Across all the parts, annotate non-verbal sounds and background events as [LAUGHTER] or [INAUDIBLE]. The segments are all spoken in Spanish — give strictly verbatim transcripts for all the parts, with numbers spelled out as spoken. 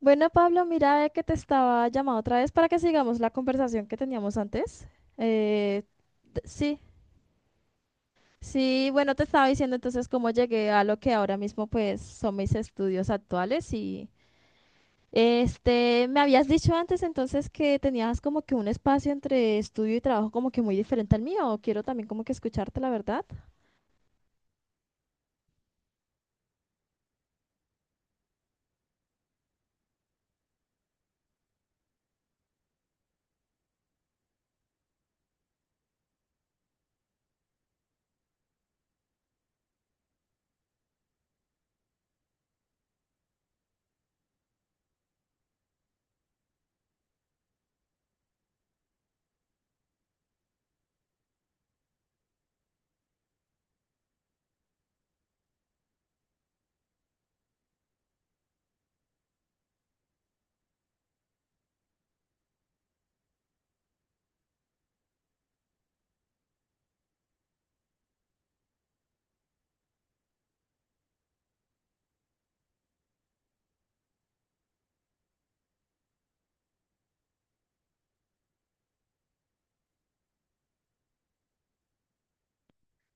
Bueno, Pablo, mira eh, que te estaba llamando otra vez para que sigamos la conversación que teníamos antes. Eh, t- sí, sí, bueno, te estaba diciendo entonces cómo llegué a lo que ahora mismo pues son mis estudios actuales y este, me habías dicho antes entonces que tenías como que un espacio entre estudio y trabajo como que muy diferente al mío. Quiero también como que escucharte la verdad.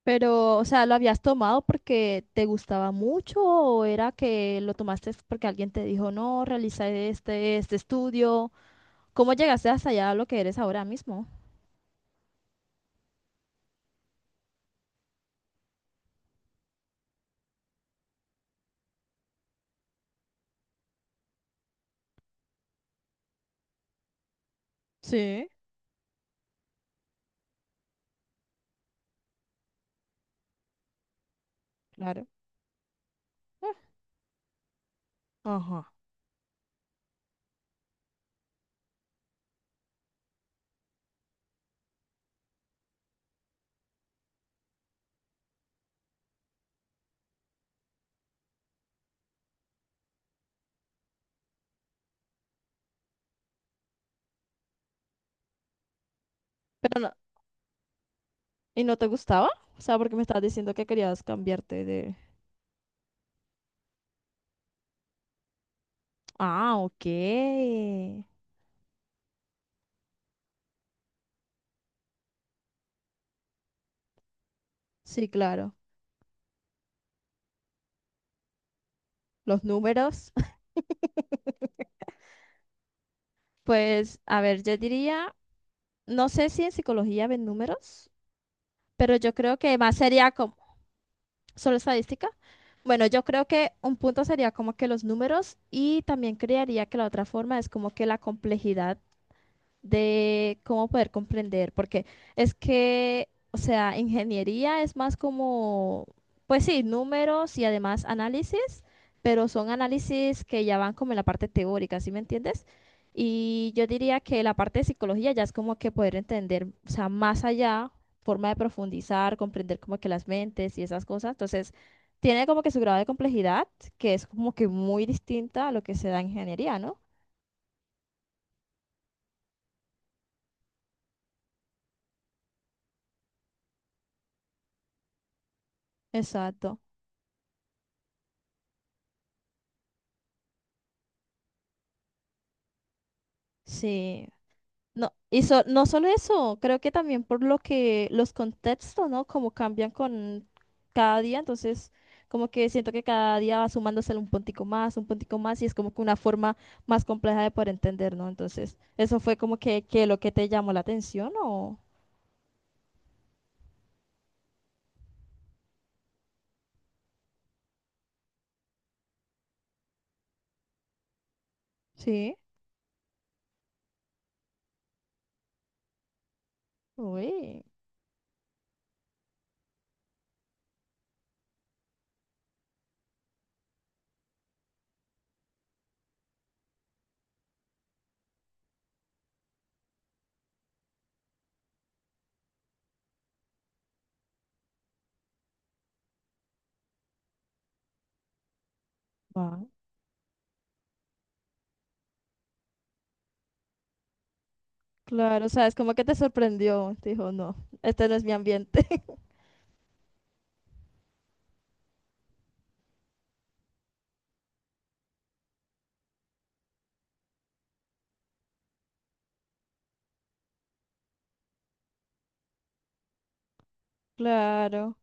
Pero, o sea, ¿lo habías tomado porque te gustaba mucho o era que lo tomaste porque alguien te dijo, no, realiza este, este estudio? ¿Cómo llegaste hasta allá a lo que eres ahora mismo? Sí, claro. Ah, ajá. Pero no, ¿y no te gustaba? O sea, porque me estabas diciendo que querías cambiarte de. Ah, ok. Sí, claro. Los números. [LAUGHS] Pues, a ver, yo diría, no sé si en psicología ven números, pero yo creo que más sería como solo estadística. Bueno, yo creo que un punto sería como que los números y también creería que la otra forma es como que la complejidad de cómo poder comprender, porque es que, o sea, ingeniería es más como, pues sí, números y además análisis, pero son análisis que ya van como en la parte teórica, ¿sí me entiendes? Y yo diría que la parte de psicología ya es como que poder entender, o sea, más allá, forma de profundizar, comprender como que las mentes y esas cosas. Entonces, tiene como que su grado de complejidad, que es como que muy distinta a lo que se da en ingeniería, ¿no? Exacto. Sí. No, y so- no solo eso, creo que también por lo que los contextos, ¿no? Como cambian con cada día, entonces como que siento que cada día va sumándose un puntico más, un puntico más, y es como que una forma más compleja de poder entender, ¿no? Entonces, eso fue como que, que lo que te llamó la atención, ¿o? Sí, uy, va. Claro, o sea, es como que te sorprendió, te dijo, no, este no es mi ambiente. [LAUGHS] Claro.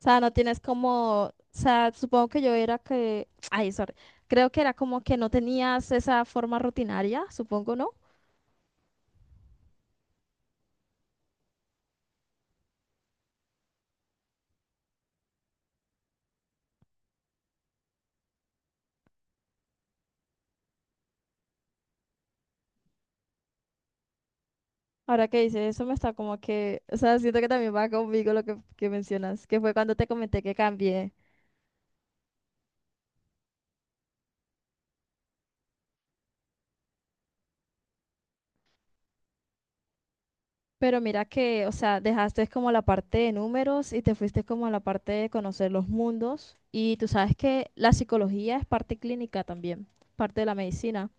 O sea, no tienes como, o sea, supongo que yo era que, ay, sorry, creo que era como que no tenías esa forma rutinaria, supongo, ¿no? Ahora que dices eso me está como que, o sea, siento que también va conmigo lo que, que mencionas, que fue cuando te comenté que cambié. Pero mira que, o sea, dejaste como la parte de números y te fuiste como a la parte de conocer los mundos. Y tú sabes que la psicología es parte clínica también, parte de la medicina.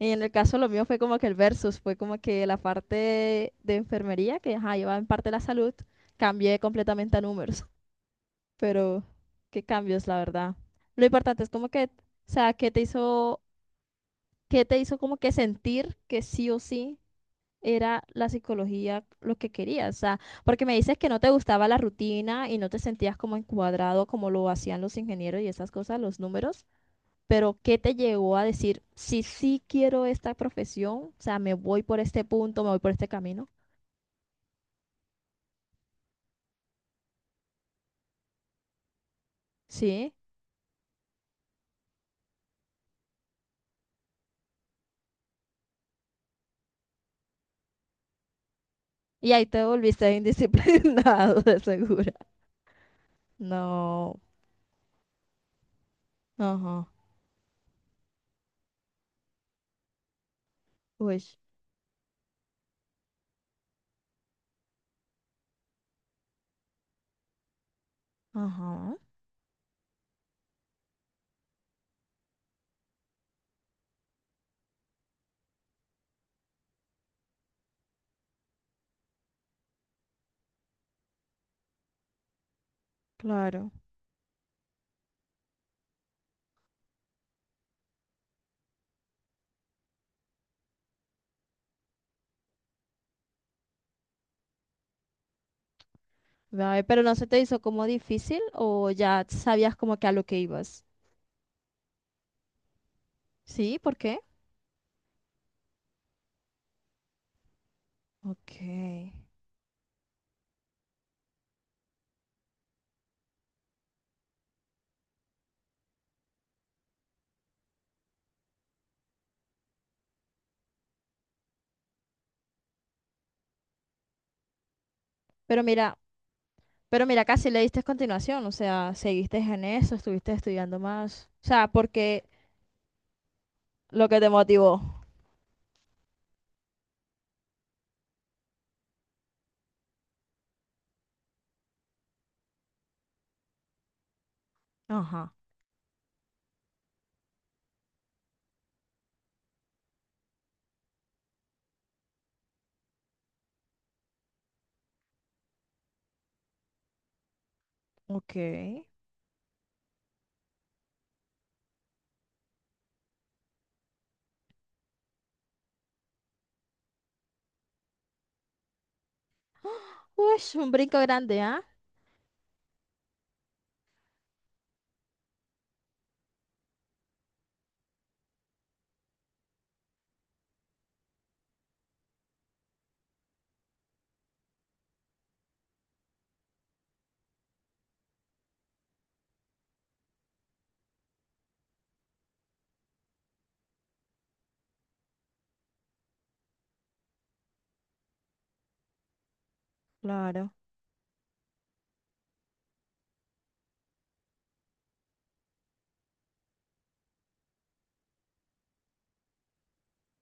Y en el caso lo mío fue como que el versus, fue como que la parte de enfermería, que ajá, iba en parte de la salud, cambié completamente a números. [LAUGHS] Pero qué cambios, la verdad. Lo importante es como que, o sea, qué te hizo, qué te hizo como que sentir que sí o sí era la psicología lo que querías. O sea, porque me dices que no te gustaba la rutina y no te sentías como encuadrado como lo hacían los ingenieros y esas cosas, los números. Pero, ¿qué te llevó a decir, sí sí quiero esta profesión, o sea, me voy por este punto, me voy por este camino? Sí. Y ahí te volviste indisciplinado, [LAUGHS] de segura. No. Ajá. Uy. Ajá. Claro. Ay, pero no se te hizo como difícil o ya sabías como que a lo que ibas. Sí, ¿por qué? Ok. Pero mira, pero mira, casi le diste continuación, o sea, seguiste en eso, estuviste estudiando más. O sea, porque lo que te motivó. Ajá. Ok, uy, un brinco grande, ¿ah? Claro.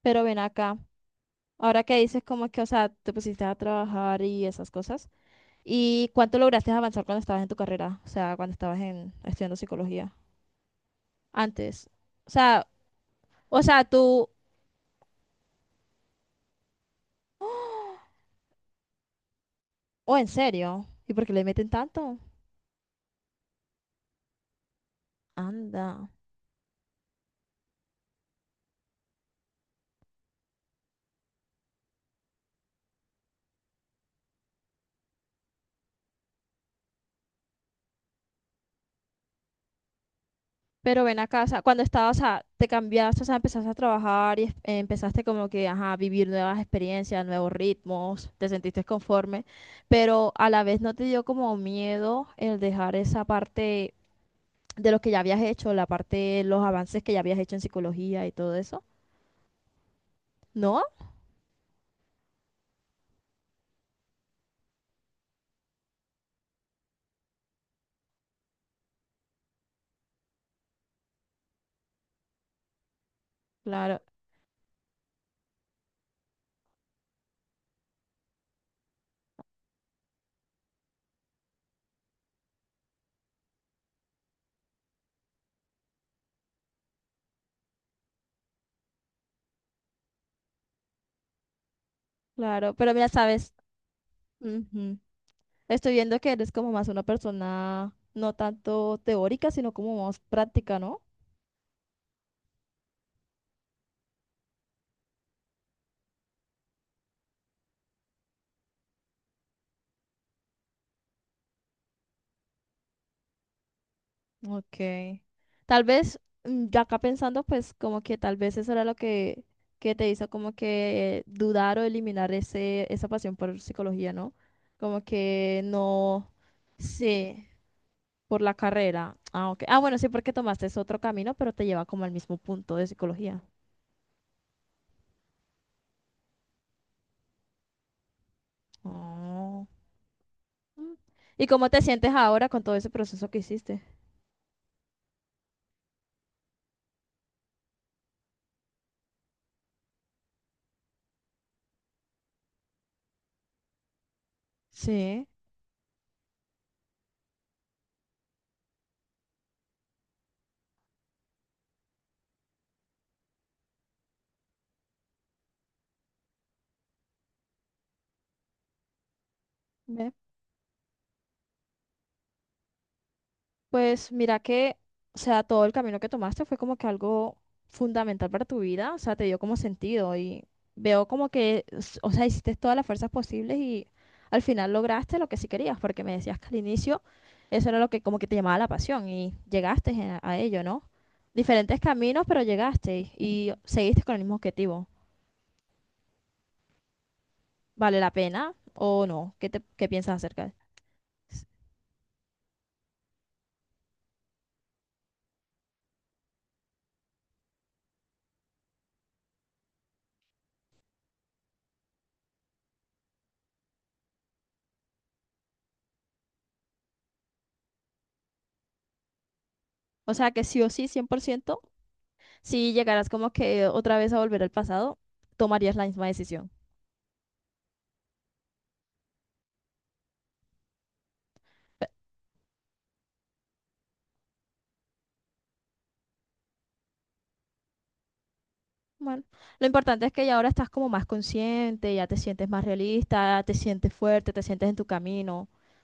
Pero ven acá, ahora que dices como que, o sea, te pusiste a trabajar y esas cosas, ¿y cuánto lograste avanzar cuando estabas en tu carrera? O sea, cuando estabas en, estudiando psicología, antes. O sea, o sea, tú, o en serio, ¿y por qué le meten tanto? Anda. Pero ven acá, o sea, cuando estabas, o sea, te cambiaste, o sea, empezaste a trabajar y es- eh, empezaste como que, ajá, a vivir nuevas experiencias, nuevos ritmos, te sentiste conforme, pero a la vez no te dio como miedo el dejar esa parte de lo que ya habías hecho, la parte, los avances que ya habías hecho en psicología y todo eso. ¿No? Claro, claro, pero mira, sabes, ujú. Estoy viendo que eres como más una persona no tanto teórica, sino como más práctica, ¿no? Ok. Tal vez, mm, ya acá pensando, pues como que tal vez eso era lo que, que te hizo como que eh, dudar o eliminar ese, esa pasión por psicología, ¿no? Como que no, sí, por la carrera. Ah, ok. Ah, bueno, sí, porque tomaste ese otro camino, pero te lleva como al mismo punto de psicología. Oh. Mm. ¿Y cómo te sientes ahora con todo ese proceso que hiciste? Sí. ¿Ve? Pues mira que, o sea, todo el camino que tomaste fue como que algo fundamental para tu vida, o sea, te dio como sentido y veo como que, s- o sea, hiciste todas las fuerzas posibles y al final lograste lo que sí querías, porque me decías que al inicio eso era lo que como que te llamaba la pasión y llegaste a, a ello, ¿no? Diferentes caminos, pero llegaste y seguiste con el mismo objetivo. ¿Vale la pena o no? ¿Qué te, qué piensas acerca de? O sea, que sí o sí, cien por ciento. Si llegaras como que otra vez a volver al pasado, tomarías la misma decisión. Pe- Bueno, lo importante es que ya ahora estás como más consciente, ya te sientes más realista, te sientes fuerte, te sientes en tu camino.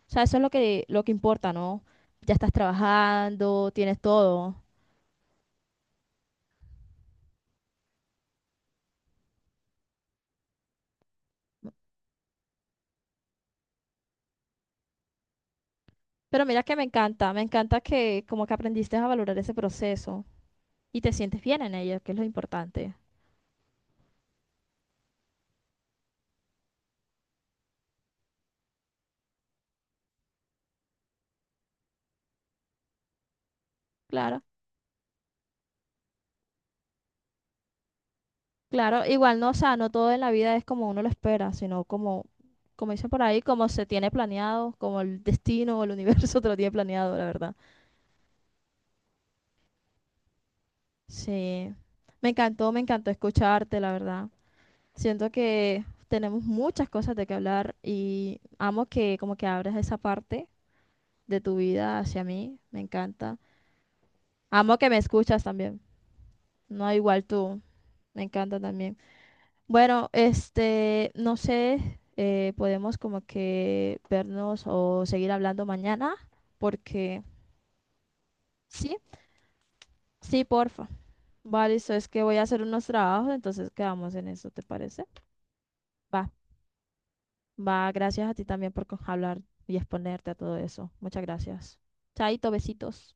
O sea, eso es lo que, lo que importa, ¿no? Ya estás trabajando, tienes todo. Pero mira que me encanta, me encanta que como que aprendiste a valorar ese proceso y te sientes bien en ello, que es lo importante. Claro. Claro, igual no, o sea, no todo en la vida es como uno lo espera, sino como, como dicen por ahí, como se tiene planeado, como el destino o el universo [LAUGHS] te lo tiene planeado, la verdad. Sí, me encantó, me encantó escucharte, la verdad. Siento que tenemos muchas cosas de qué hablar y amo que como que abres esa parte de tu vida hacia mí, me encanta. Amo que me escuchas también, no igual tú, me encanta también. Bueno, este, no sé, eh, podemos como que vernos o seguir hablando mañana, porque sí, sí, porfa. Vale, listo, es que voy a hacer unos trabajos, entonces quedamos en eso, ¿te parece? Va, va, gracias a ti también por co- hablar y exponerte a todo eso. Muchas gracias. Chaito, besitos.